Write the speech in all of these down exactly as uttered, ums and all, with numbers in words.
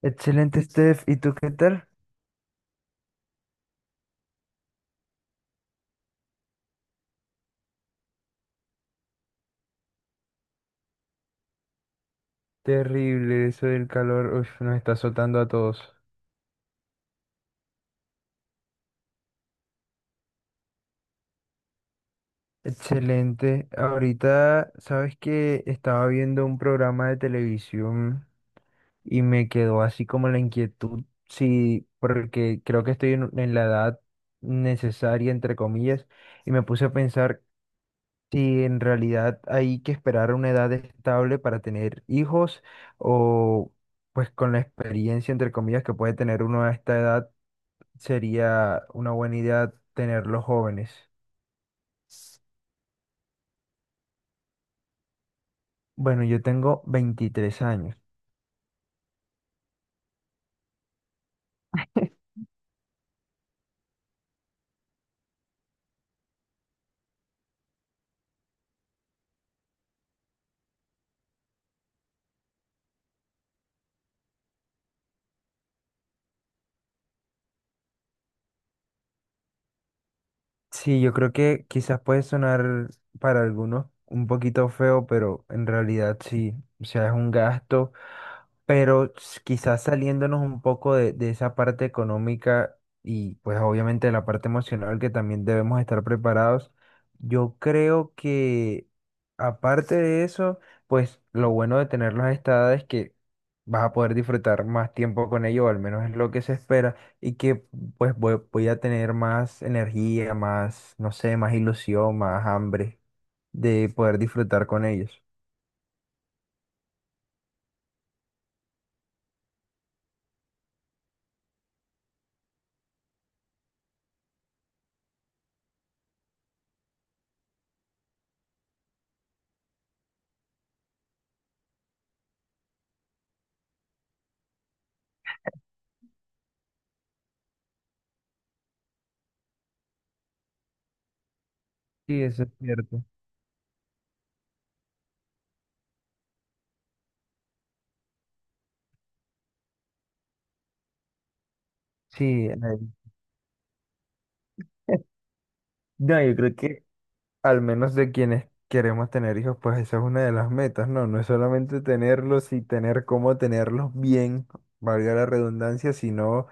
Excelente, Steph. ¿Y tú qué tal? Terrible eso del calor, uf, nos está azotando a todos. Excelente. Ahorita, sabes que estaba viendo un programa de televisión y me quedó así como la inquietud, sí, porque creo que estoy en, en la edad necesaria, entre comillas, y me puse a pensar si en realidad hay que esperar una edad estable para tener hijos o pues con la experiencia, entre comillas, que puede tener uno a esta edad. sería una buena idea tenerlos jóvenes. Bueno, yo tengo veintitrés años. Sí, yo creo que quizás puede sonar para algunos un poquito feo, pero en realidad sí, o sea, es un gasto, pero s- quizás saliéndonos un poco de, de esa parte económica y pues obviamente de la parte emocional que también debemos estar preparados, yo creo que aparte de eso, pues lo bueno de tenerlos a esta edad es que vas a poder disfrutar más tiempo con ellos, o al menos es lo que se espera y que pues voy, voy a tener más energía, más, no sé, más ilusión, más hambre de poder disfrutar con ellos. Sí, eso es cierto. Sí, eh, no, yo creo que al menos de quienes queremos tener hijos, pues esa es una de las metas, ¿no? No es solamente tenerlos y tener cómo tenerlos bien, valga la redundancia, sino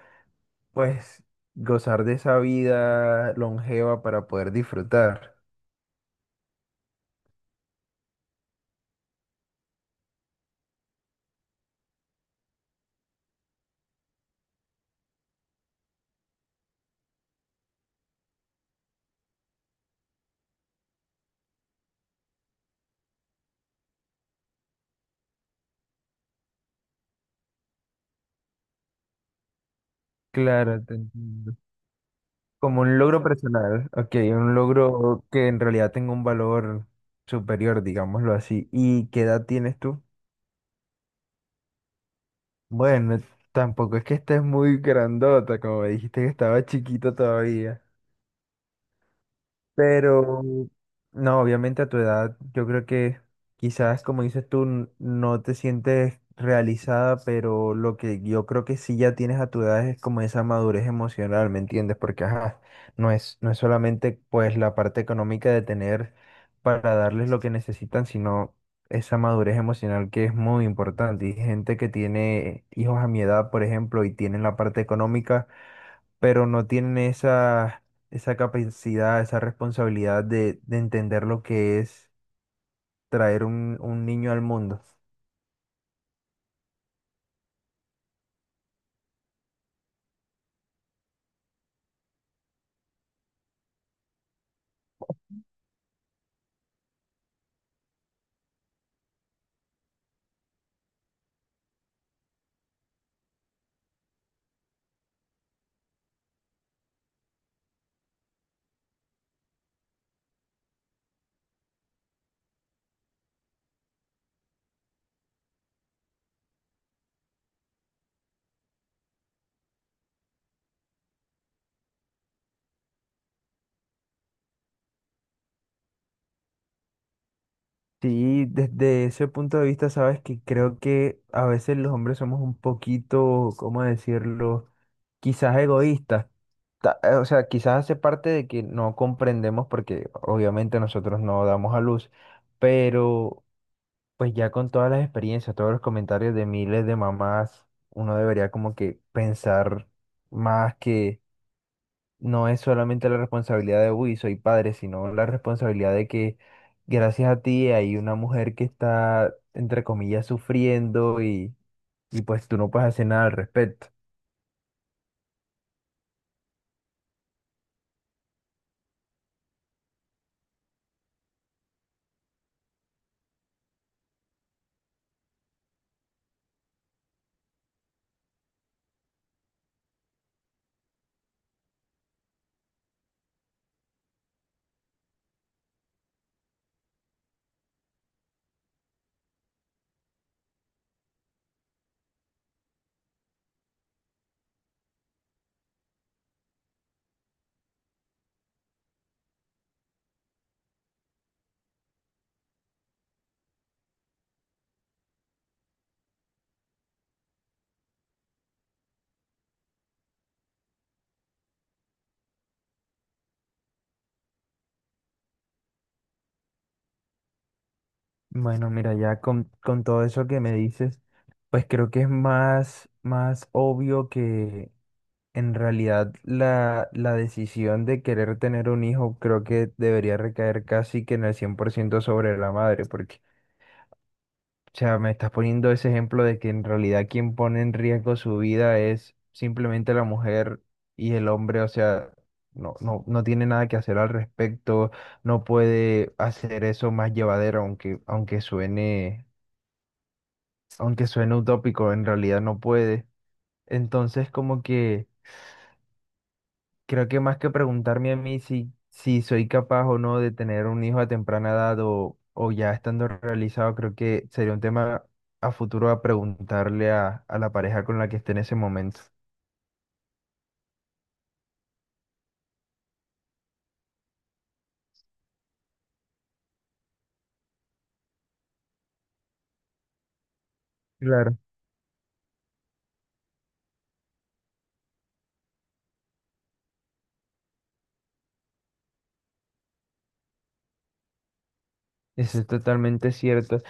pues gozar de esa vida longeva para poder disfrutar. Claro, te entiendo. Como un logro personal, ok, un logro que en realidad tenga un valor superior, digámoslo así. ¿Y qué edad tienes tú? Bueno, tampoco es que estés muy grandota, como me dijiste que estaba chiquito todavía. Pero, no, obviamente a tu edad, yo creo que quizás, como dices tú, n- no te sientes realizada, pero lo que yo creo que sí ya tienes a tu edad es como esa madurez emocional, ¿me entiendes? Porque, ajá, no es, no es solamente pues la parte económica de tener para darles lo que necesitan, sino esa madurez emocional que es muy importante. Y gente que tiene hijos a mi edad, por ejemplo, y tienen la parte económica pero no tienen esa, esa capacidad, esa responsabilidad de, de entender lo que es traer un, un niño al mundo. Sí, desde ese punto de vista, sabes que creo que a veces los hombres somos un poquito, ¿cómo decirlo? Quizás egoístas. Ta- eh, O sea, quizás hace parte de que no comprendemos porque obviamente nosotros no damos a luz, pero Pues ya con todas las experiencias, todos los comentarios de miles de mamás, uno debería como que pensar más que no es solamente la responsabilidad de, uy, soy padre, sino la responsabilidad de que gracias a ti hay una mujer que está, entre comillas, sufriendo y, y pues tú no puedes hacer nada al respecto. Bueno, mira, ya con, con todo eso que me dices, pues creo que es más, más obvio En realidad, la, la decisión de querer tener un hijo creo que debería recaer casi que en el cien por ciento sobre la madre, porque, o sea, me estás poniendo ese ejemplo de que en realidad quien pone en riesgo su vida es simplemente la mujer y el hombre, o sea, no, no, no tiene nada que hacer al respecto, no puede hacer eso más llevadero, aunque, aunque suene, aunque suene utópico, en realidad no puede. Entonces, como que Creo que más que preguntarme a mí si, si soy capaz o no de tener un hijo a temprana edad o, o ya estando realizado, creo que sería un tema a futuro a preguntarle a, a la pareja con la que esté en ese momento. Claro. Eso es totalmente cierto.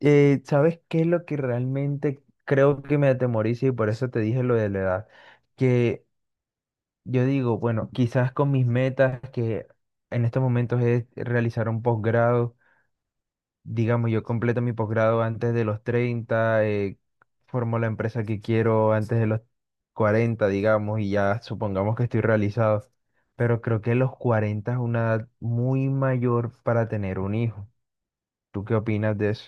Eh, ¿sabes qué es lo que realmente creo que me atemoriza y por eso te dije lo de la edad? Que yo digo, bueno, quizás con mis metas, que en estos momentos es realizar un posgrado digamos, yo completo mi posgrado antes de los treinta eh, formo la empresa que quiero antes de los cuarenta digamos, y ya supongamos que estoy realizado. Pero creo que los cuarenta es una edad muy mayor para tener un hijo. ¿Tú qué opinas de eso?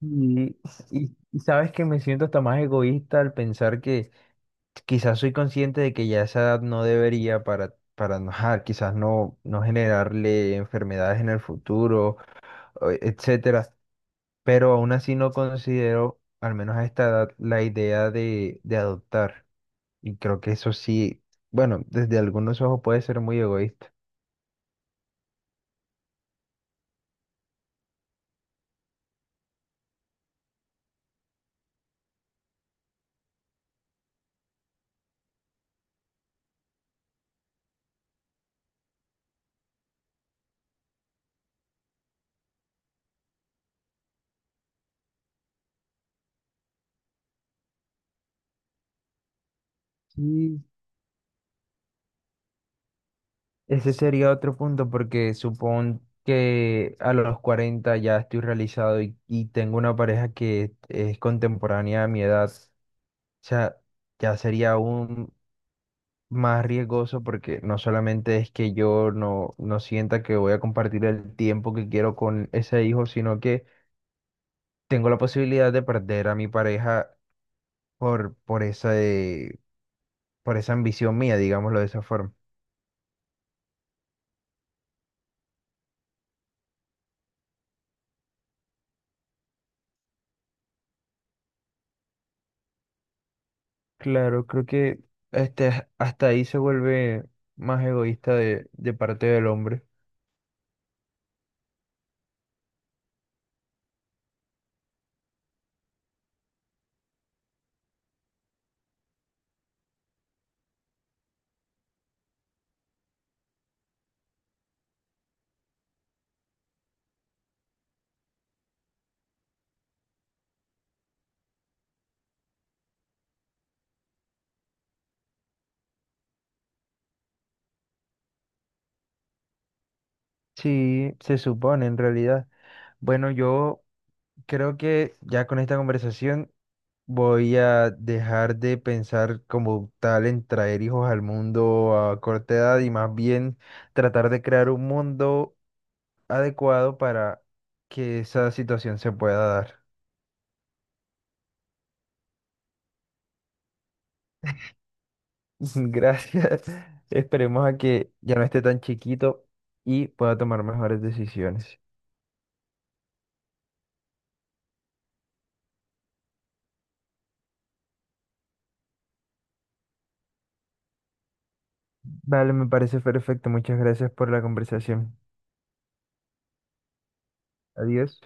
Y, y- y sabes que me siento hasta más egoísta al pensar que quizás soy consciente de que ya a esa edad no debería para, para no, ajá, quizás no, no generarle enfermedades en el futuro, o- etcétera. pero aún así no considero, al menos a esta edad, la idea de, de adoptar. Y creo que eso sí, bueno, desde algunos ojos puede ser muy egoísta. Y ese sería otro punto, porque supón que a los cuarenta ya estoy realizado y, y tengo una pareja que es contemporánea a mi edad. O sea, ya sería aún más riesgoso porque no solamente es que yo no, no sienta que voy a compartir el tiempo que quiero con ese hijo, sino que tengo la posibilidad de perder a mi pareja por, por esa, eh, por esa ambición mía, digámoslo de esa forma. Claro, creo que este, hasta ahí se vuelve más egoísta de, de parte del hombre. Sí, se supone en realidad. Bueno, yo creo que ya con esta conversación voy a dejar de pensar como tal en traer hijos al mundo a corta edad y más bien tratar de crear un mundo adecuado para que esa situación se pueda dar. Gracias. Esperemos a que ya no esté tan chiquito y pueda tomar mejores decisiones. Vale, me parece perfecto. Muchas gracias por la conversación. Adiós.